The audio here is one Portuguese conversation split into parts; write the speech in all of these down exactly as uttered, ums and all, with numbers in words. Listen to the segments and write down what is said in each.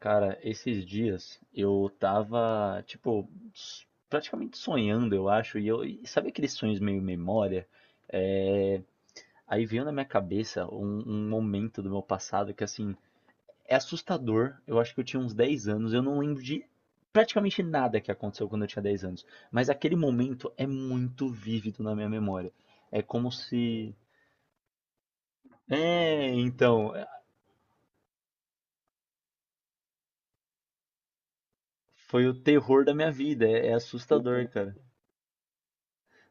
Cara, esses dias eu tava, tipo, s- praticamente sonhando, eu acho, e eu, e sabe aqueles sonhos meio memória? É, aí veio na minha cabeça um, um momento do meu passado que, assim, é assustador. Eu acho que eu tinha uns dez anos, eu não lembro de praticamente nada que aconteceu quando eu tinha dez anos, mas aquele momento é muito vívido na minha memória. É como se. É, então, é, foi o terror da minha vida, é é assustador, cara.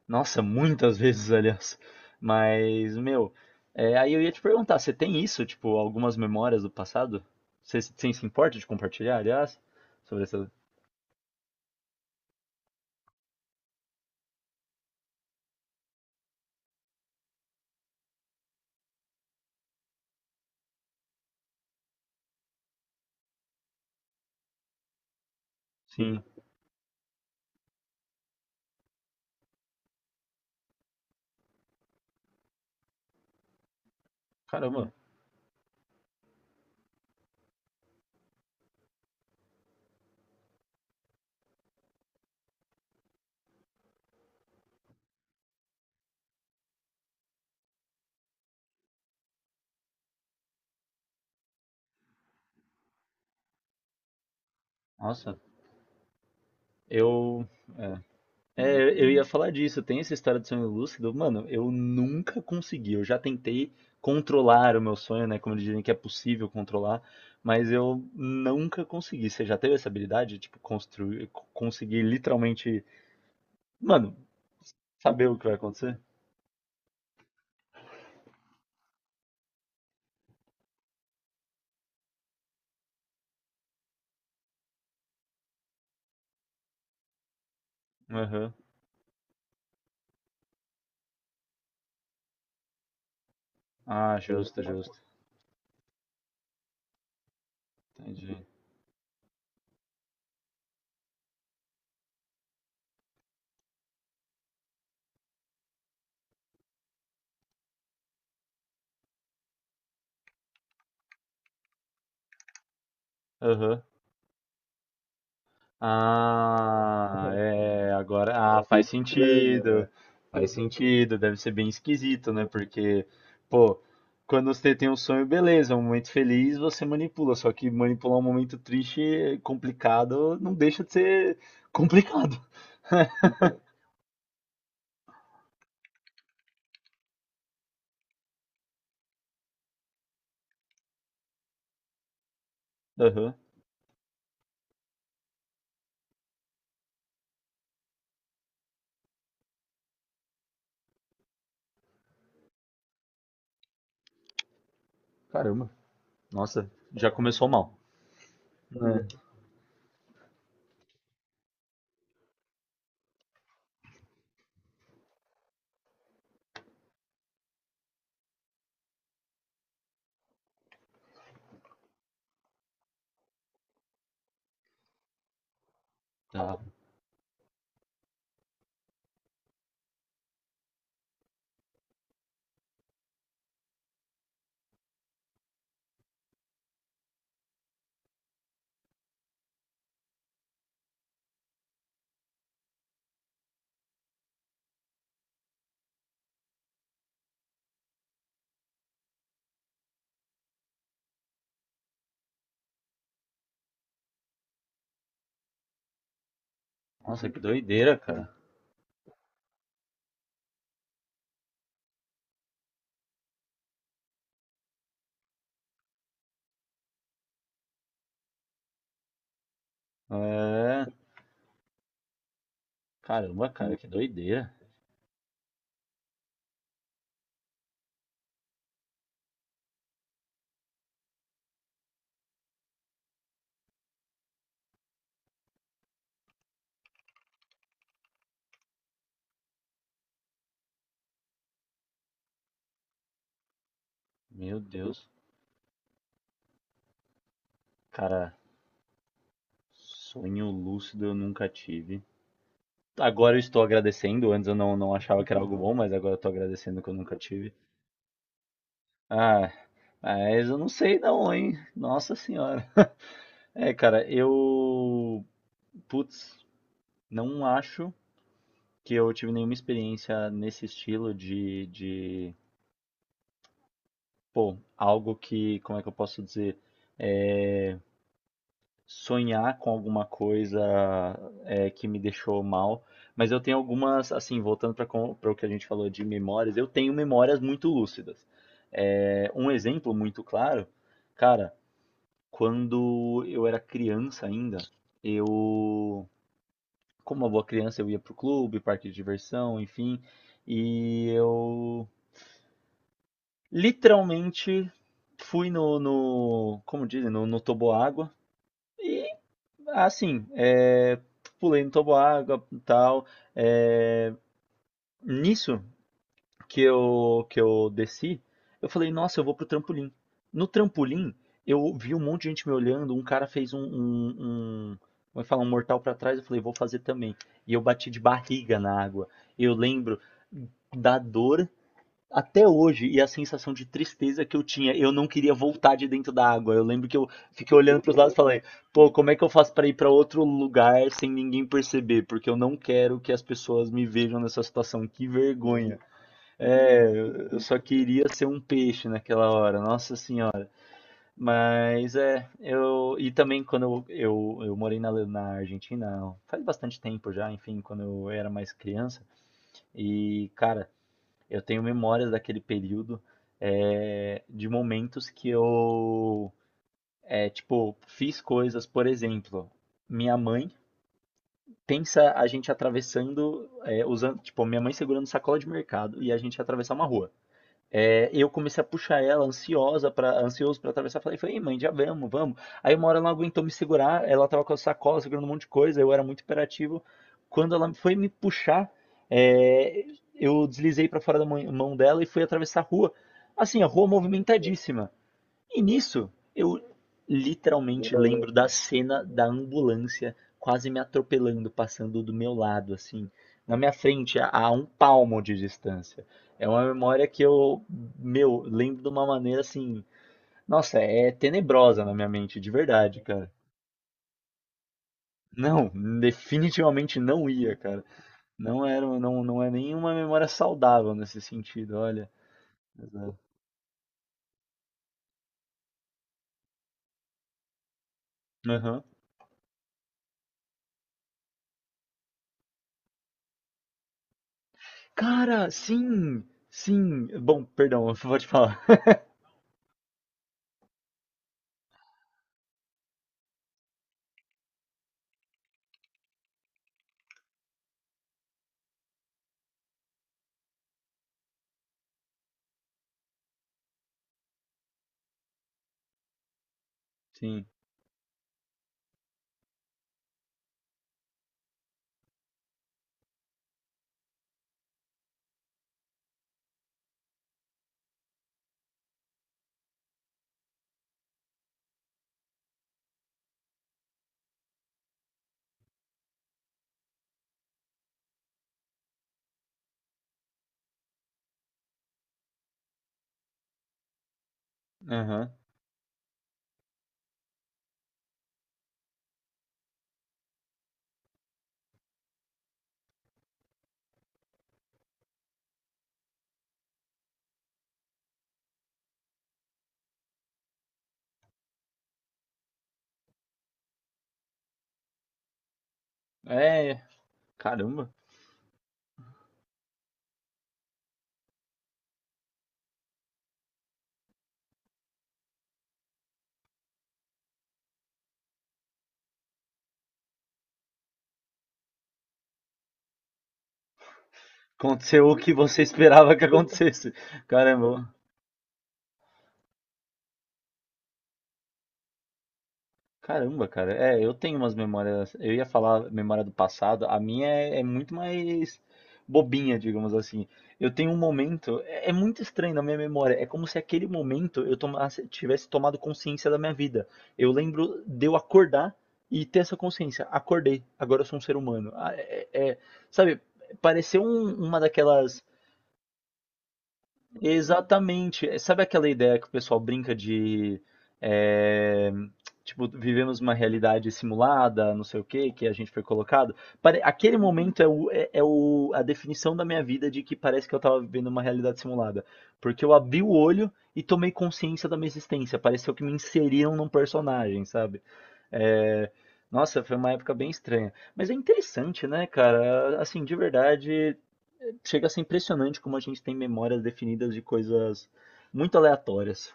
Nossa, muitas vezes, aliás. Mas, meu, é, aí eu ia te perguntar, você tem isso, tipo, algumas memórias do passado? Você, você se importa de compartilhar, aliás, sobre essa... Sim, caramba, nossa, eu... É, é, eu ia falar disso, tem essa história do sonho lúcido, mano, eu nunca consegui, eu já tentei controlar o meu sonho, né, como eles dizem que é possível controlar, mas eu nunca consegui. Você já teve essa habilidade, tipo, construir, conseguir literalmente... Mano, saber o que vai acontecer? Aham. Ah, justo, justo. Entendi. Aham. Ah, é, agora, ah, faz sentido. Faz sentido, deve ser bem esquisito, né? Porque, pô, quando você tem um sonho, beleza, um momento feliz, você manipula, só que manipular um momento triste, complicado, não deixa de ser complicado. Aham. Caramba. Nossa, já começou mal. É. Tá. Nossa, que doideira, cara. É. Caramba, cara, que doideira. Meu Deus, cara, sonho lúcido eu nunca tive. Agora eu estou agradecendo, antes eu não, não achava que era algo bom, mas agora eu estou agradecendo que eu nunca tive. Ah, mas eu não sei não, hein? Nossa senhora. É, cara, eu. Putz, não acho que eu tive nenhuma experiência nesse estilo de, de. Pô, algo que. Como é que eu posso dizer? É sonhar com alguma coisa é, que me deixou mal, mas eu tenho algumas, assim, voltando para o que a gente falou de memórias, eu tenho memórias muito lúcidas. É, um exemplo muito claro, cara, quando eu era criança ainda, eu, como uma boa criança, eu ia pro clube, parque de diversão, enfim, e eu literalmente fui no, no como dizem, no, no toboágua, e assim, é, pulei no toboágua e tal. É, nisso que eu, que eu desci, eu falei, nossa, eu vou pro trampolim. No trampolim, eu vi um monte de gente me olhando, um cara fez um, um, um como é que fala, um mortal pra trás, eu falei, vou fazer também. E eu bati de barriga na água. Eu lembro da dor até hoje, e a sensação de tristeza que eu tinha, eu não queria voltar de dentro da água. Eu lembro que eu fiquei olhando para os lados e falei: pô, como é que eu faço para ir para outro lugar sem ninguém perceber? Porque eu não quero que as pessoas me vejam nessa situação. Que vergonha. É, eu eu só queria ser um peixe naquela hora, nossa senhora. Mas é, eu. E também quando eu, eu, eu morei na, na Argentina, faz bastante tempo já, enfim, quando eu era mais criança. E, cara. Eu tenho memórias daquele período, é, de momentos que eu, é, tipo, fiz coisas, por exemplo, minha mãe pensa a gente atravessando, é, usando, tipo, minha mãe segurando sacola de mercado e a gente atravessar uma rua. É, eu comecei a puxar ela, ansiosa para ansioso para atravessar. Falei, falei: "Ei, mãe, já vamos, vamos." Aí uma hora ela não aguentou me segurar, ela tava com a sacola segurando um monte de coisa, eu era muito imperativo. Quando ela foi me puxar, é, eu deslizei para fora da mão mão dela e fui atravessar a rua. Assim, a rua movimentadíssima. E nisso, eu literalmente lembro da cena da ambulância quase me atropelando, passando do meu lado, assim, na minha frente, a, a um palmo de distância. É uma memória que eu, meu, lembro de uma maneira assim. Nossa, é tenebrosa na minha mente, de verdade, cara. Não, definitivamente não ia, cara. Não era, não, não é nenhuma memória saudável nesse sentido, olha. Exato. Aham. Cara, sim, sim. Bom, perdão, pode falar. Sim. Aham. É, caramba. Aconteceu o que você esperava que acontecesse. Caramba. Caramba, cara. É, eu tenho umas memórias. Eu ia falar memória do passado. A minha é, é muito mais bobinha, digamos assim. Eu tenho um momento. É, é muito estranho na minha memória. É como se aquele momento eu tomasse- tivesse tomado consciência da minha vida. Eu lembro de eu acordar e ter essa consciência. Acordei. Agora eu sou um ser humano. Ah, é, é. Sabe? Pareceu um- uma daquelas. Exatamente. É, sabe aquela ideia que o pessoal brinca de é, tipo, vivemos uma realidade simulada, não sei o que, que a gente foi colocado? Pare- Aquele momento é, o, é, é o- a definição da minha vida de que parece que eu tava vivendo uma realidade simulada. Porque eu abri o olho e tomei consciência da minha existência. Pareceu que me inseriram num personagem, sabe? É, nossa, foi uma época bem estranha. Mas é interessante, né, cara? Assim, de verdade, chega a ser impressionante como a gente tem memórias definidas de coisas muito aleatórias.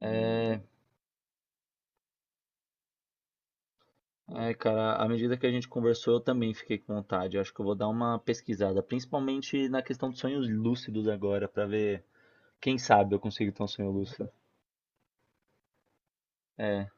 É, ai, cara, à medida que a gente conversou, eu também fiquei com vontade. Eu acho que eu vou dar uma pesquisada, principalmente na questão dos sonhos lúcidos agora, pra ver, quem sabe eu consigo ter um sonho lúcido. É,